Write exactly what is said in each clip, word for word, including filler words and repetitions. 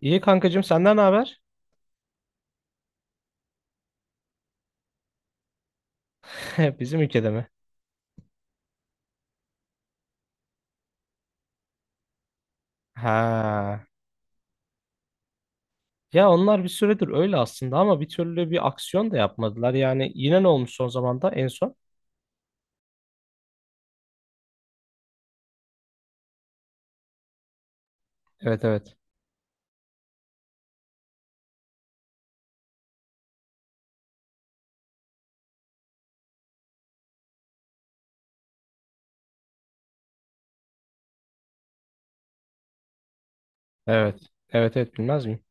İyi kankacığım senden ne haber? Bizim ülkede mi? Ha. Ya onlar bir süredir öyle aslında, ama bir türlü bir aksiyon da yapmadılar. Yani yine ne olmuş son zamanda en son? Evet, evet. Evet. Evet, evet, bilmez miyim?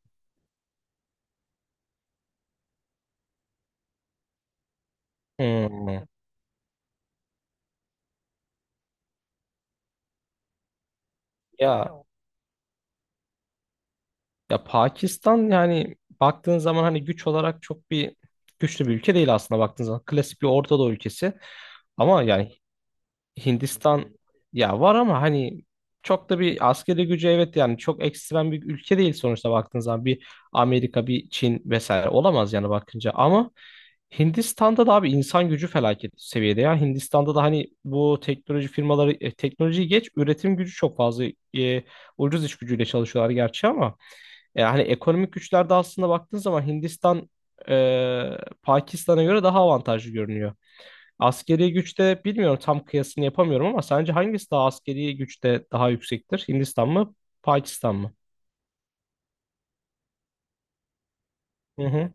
Hmm. Ya ya Pakistan, yani baktığın zaman hani güç olarak çok bir güçlü bir ülke değil aslında, baktığın zaman. Klasik bir Orta Doğu ülkesi. Ama yani Hindistan, ya var ama hani çok da bir askeri gücü, evet yani çok ekstrem bir ülke değil sonuçta baktığın zaman. Bir Amerika, bir Çin vesaire olamaz yani bakınca. Ama Hindistan'da da abi insan gücü felaket seviyede ya. Hindistan'da da hani bu teknoloji firmaları, e, teknolojiyi geç, üretim gücü çok fazla, e, ucuz iş gücüyle çalışıyorlar gerçi, ama yani ekonomik güçlerde aslında baktığın zaman Hindistan, e, Pakistan'a göre daha avantajlı görünüyor. Askeri güçte bilmiyorum, tam kıyasını yapamıyorum, ama sence hangisi daha askeri güçte daha yüksektir? Hindistan mı, Pakistan mı? Hı hı.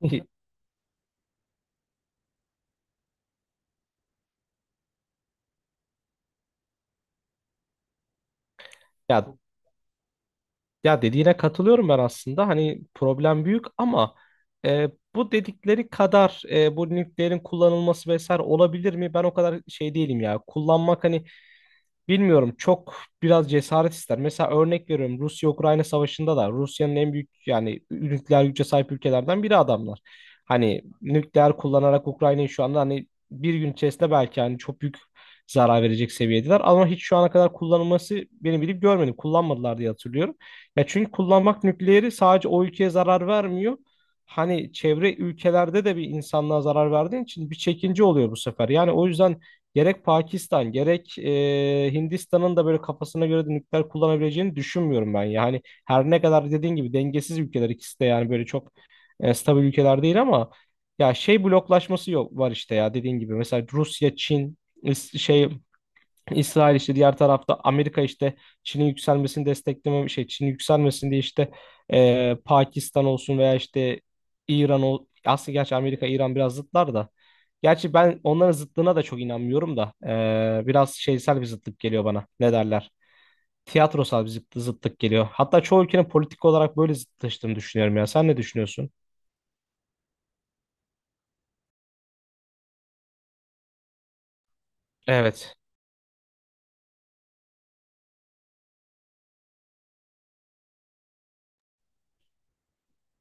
Ya ya dediğine katılıyorum ben aslında. Hani problem büyük ama e, bu dedikleri kadar, e, bu nükleerin kullanılması vesaire olabilir mi? Ben o kadar şey değilim ya. Kullanmak hani, bilmiyorum, çok biraz cesaret ister. Mesela örnek veriyorum, Rusya-Ukrayna savaşında da Rusya'nın, en büyük yani nükleer güce sahip ülkelerden biri adamlar. Hani nükleer kullanarak Ukrayna'yı şu anda hani bir gün içerisinde belki hani çok büyük zarar verecek seviyedeler. Ama hiç şu ana kadar kullanılması, benim bilip görmedim. Kullanmadılar diye hatırlıyorum. Ya çünkü kullanmak nükleeri, sadece o ülkeye zarar vermiyor. Hani çevre ülkelerde de, bir insanlığa zarar verdiğin için bir çekince oluyor bu sefer. Yani o yüzden gerek Pakistan gerek e, Hindistan'ın da böyle kafasına göre de nükleer kullanabileceğini düşünmüyorum ben. Yani her ne kadar dediğin gibi dengesiz ülkeler ikisi de, yani böyle çok e, stabil ülkeler değil, ama ya şey bloklaşması yok var işte, ya dediğin gibi. Mesela Rusya, Çin, is- şey İsrail işte diğer tarafta, Amerika işte Çin'in yükselmesini destekleme, şey, Çin yükselmesin diye işte e, Pakistan olsun veya işte İran ol. Aslında gerçi Amerika İran biraz zıtlar da, gerçi ben onların zıtlığına da çok inanmıyorum da e, biraz şeysel bir zıtlık geliyor bana, ne derler, tiyatrosal bir zıt- zıtlık geliyor. Hatta çoğu ülkenin politik olarak böyle zıtlaştığını düşünüyorum, ya sen ne düşünüyorsun? Evet.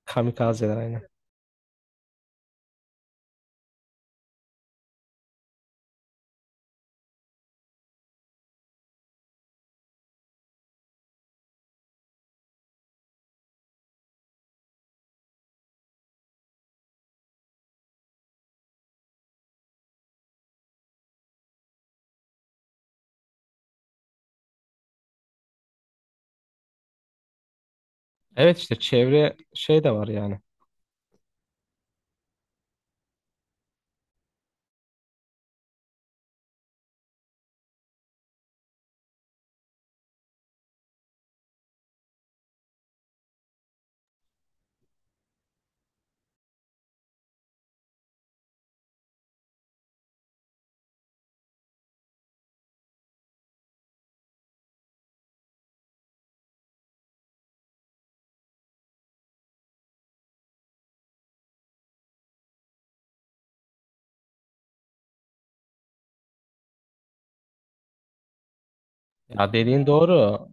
Kamikazeler, aynen. Evet, işte çevre şey de var yani. Ya dediğin doğru.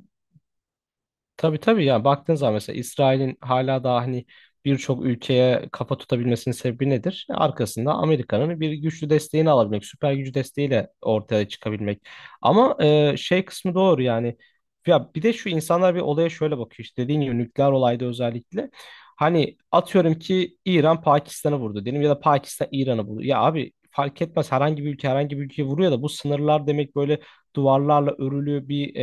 Tabii, tabii. Yani baktığın zaman mesela İsrail'in hala daha hani birçok ülkeye kafa tutabilmesinin sebebi nedir? Arkasında Amerika'nın bir güçlü desteğini alabilmek, süper gücü desteğiyle ortaya çıkabilmek. Ama e, şey kısmı doğru yani. Ya bir de şu, insanlar bir olaya şöyle bakıyor işte, dediğin gibi nükleer olayda özellikle. Hani atıyorum ki İran Pakistan'ı vurdu diyelim, ya da Pakistan İran'ı vurdu. Ya abi fark etmez, herhangi bir ülke herhangi bir ülkeye vuruyor da, bu sınırlar demek böyle duvarlarla örülü bir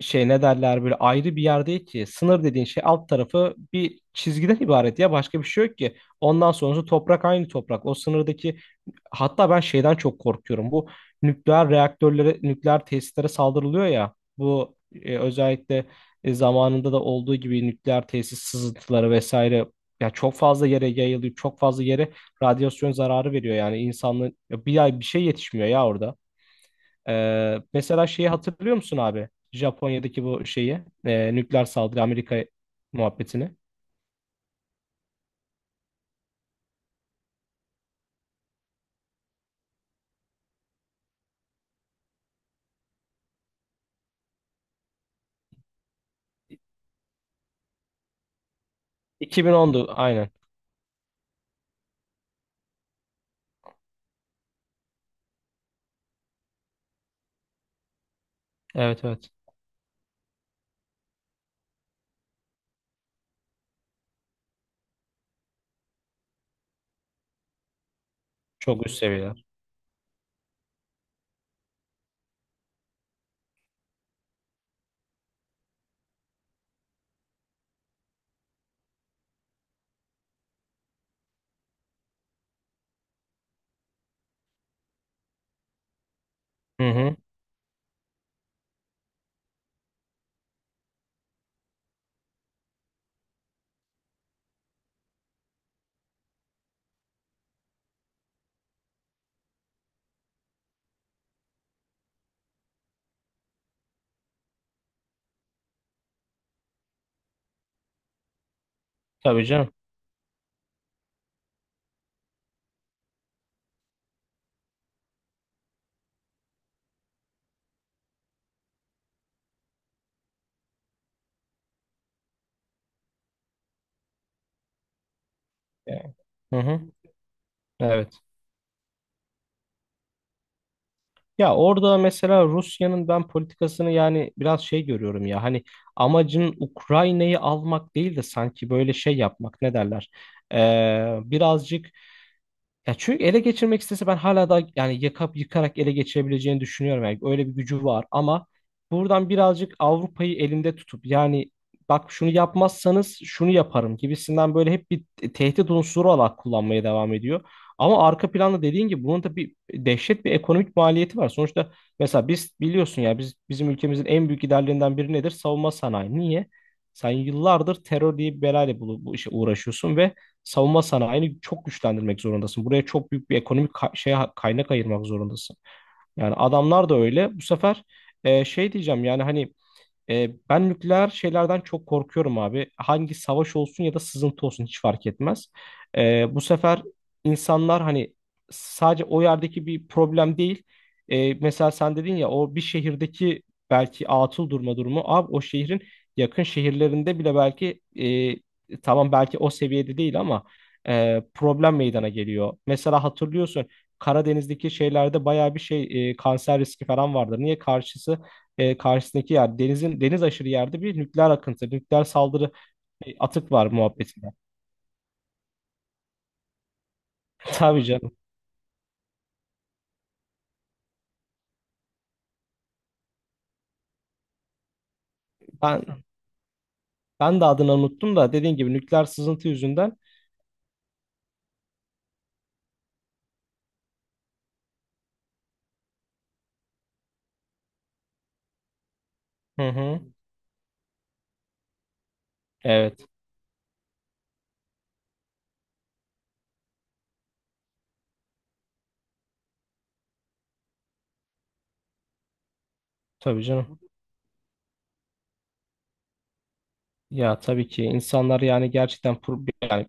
şey, ne derler, böyle ayrı bir yer değil ki. Sınır dediğin şey alt tarafı bir çizgiden ibaret ya, başka bir şey yok ki. Ondan sonrası toprak, aynı toprak. O sınırdaki, hatta ben şeyden çok korkuyorum. Bu nükleer reaktörlere, nükleer tesislere saldırılıyor ya. Bu e, özellikle e, zamanında da olduğu gibi nükleer tesis sızıntıları vesaire, ya çok fazla yere yayılıyor. Çok fazla yere radyasyon zararı veriyor yani insanlığın, ya bir ay bir şey yetişmiyor ya orada. Ee, mesela şeyi hatırlıyor musun abi? Japonya'daki bu şeyi, e, nükleer saldırı Amerika muhabbetini. iki bin ondu aynen. Evet, evet. Çok üst seviyeler. Hı hı. Tabii canım. Yani. Hı hı. Evet. Ya orada mesela Rusya'nın ben politikasını yani biraz şey görüyorum ya, hani amacın Ukrayna'yı almak değil de sanki böyle şey yapmak, ne derler? Ee, birazcık, ya çünkü ele geçirmek istese ben hala da yani yakıp yıkarak ele geçirebileceğini düşünüyorum. Yani öyle bir gücü var, ama buradan birazcık Avrupa'yı elinde tutup yani, bak şunu yapmazsanız şunu yaparım gibisinden böyle hep bir te- tehdit unsuru olarak kullanmaya devam ediyor. Ama arka planda dediğin gibi bunun da bir dehşet bir ekonomik maliyeti var. Sonuçta mesela biz, biliyorsun ya, biz bizim ülkemizin en büyük giderlerinden biri nedir? Savunma sanayi. Niye? Sen yıllardır terör diye bir belayla bu, bu işe uğraşıyorsun ve savunma sanayini çok güçlendirmek zorundasın. Buraya çok büyük bir ekonomik ka- şey kaynak ayırmak zorundasın. Yani adamlar da öyle. Bu sefer e, şey diyeceğim yani hani, e, ben nükleer şeylerden çok korkuyorum abi. Hangi savaş olsun ya da sızıntı olsun hiç fark etmez. E, bu sefer insanlar hani, sadece o yerdeki bir problem değil. E, mesela sen dedin ya, o bir şehirdeki belki atıl durma durumu. Abi o şehrin yakın şehirlerinde bile belki e, tamam belki o seviyede değil, ama e, problem meydana geliyor. Mesela hatırlıyorsun, Karadeniz'deki şeylerde bayağı bir şey, e, kanser riski falan vardı. Niye karşısı? e, karşısındaki yer, denizin deniz aşırı yerde bir nükleer akıntı, nükleer saldırı e, atık var muhabbetinde. Tabii canım. Ben, ben de adını unuttum da, dediğin gibi nükleer sızıntı yüzünden. Hı hı. Evet, tabii canım. Ya tabii ki insanlar yani gerçekten pro- yani,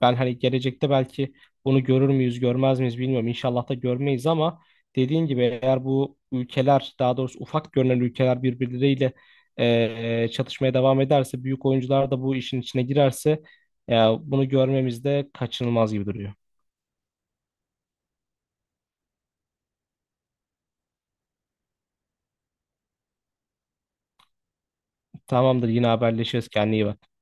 ben hani gelecekte belki bunu görür müyüz, görmez miyiz bilmiyorum. İnşallah da görmeyiz ama dediğin gibi eğer bu ülkeler, daha doğrusu ufak görünen ülkeler birbirleriyle e, çatışmaya devam ederse, büyük oyuncular da bu işin içine girerse, e, bunu görmemiz de kaçınılmaz gibi duruyor. Tamamdır, yine haberleşiriz. Kendine iyi bak.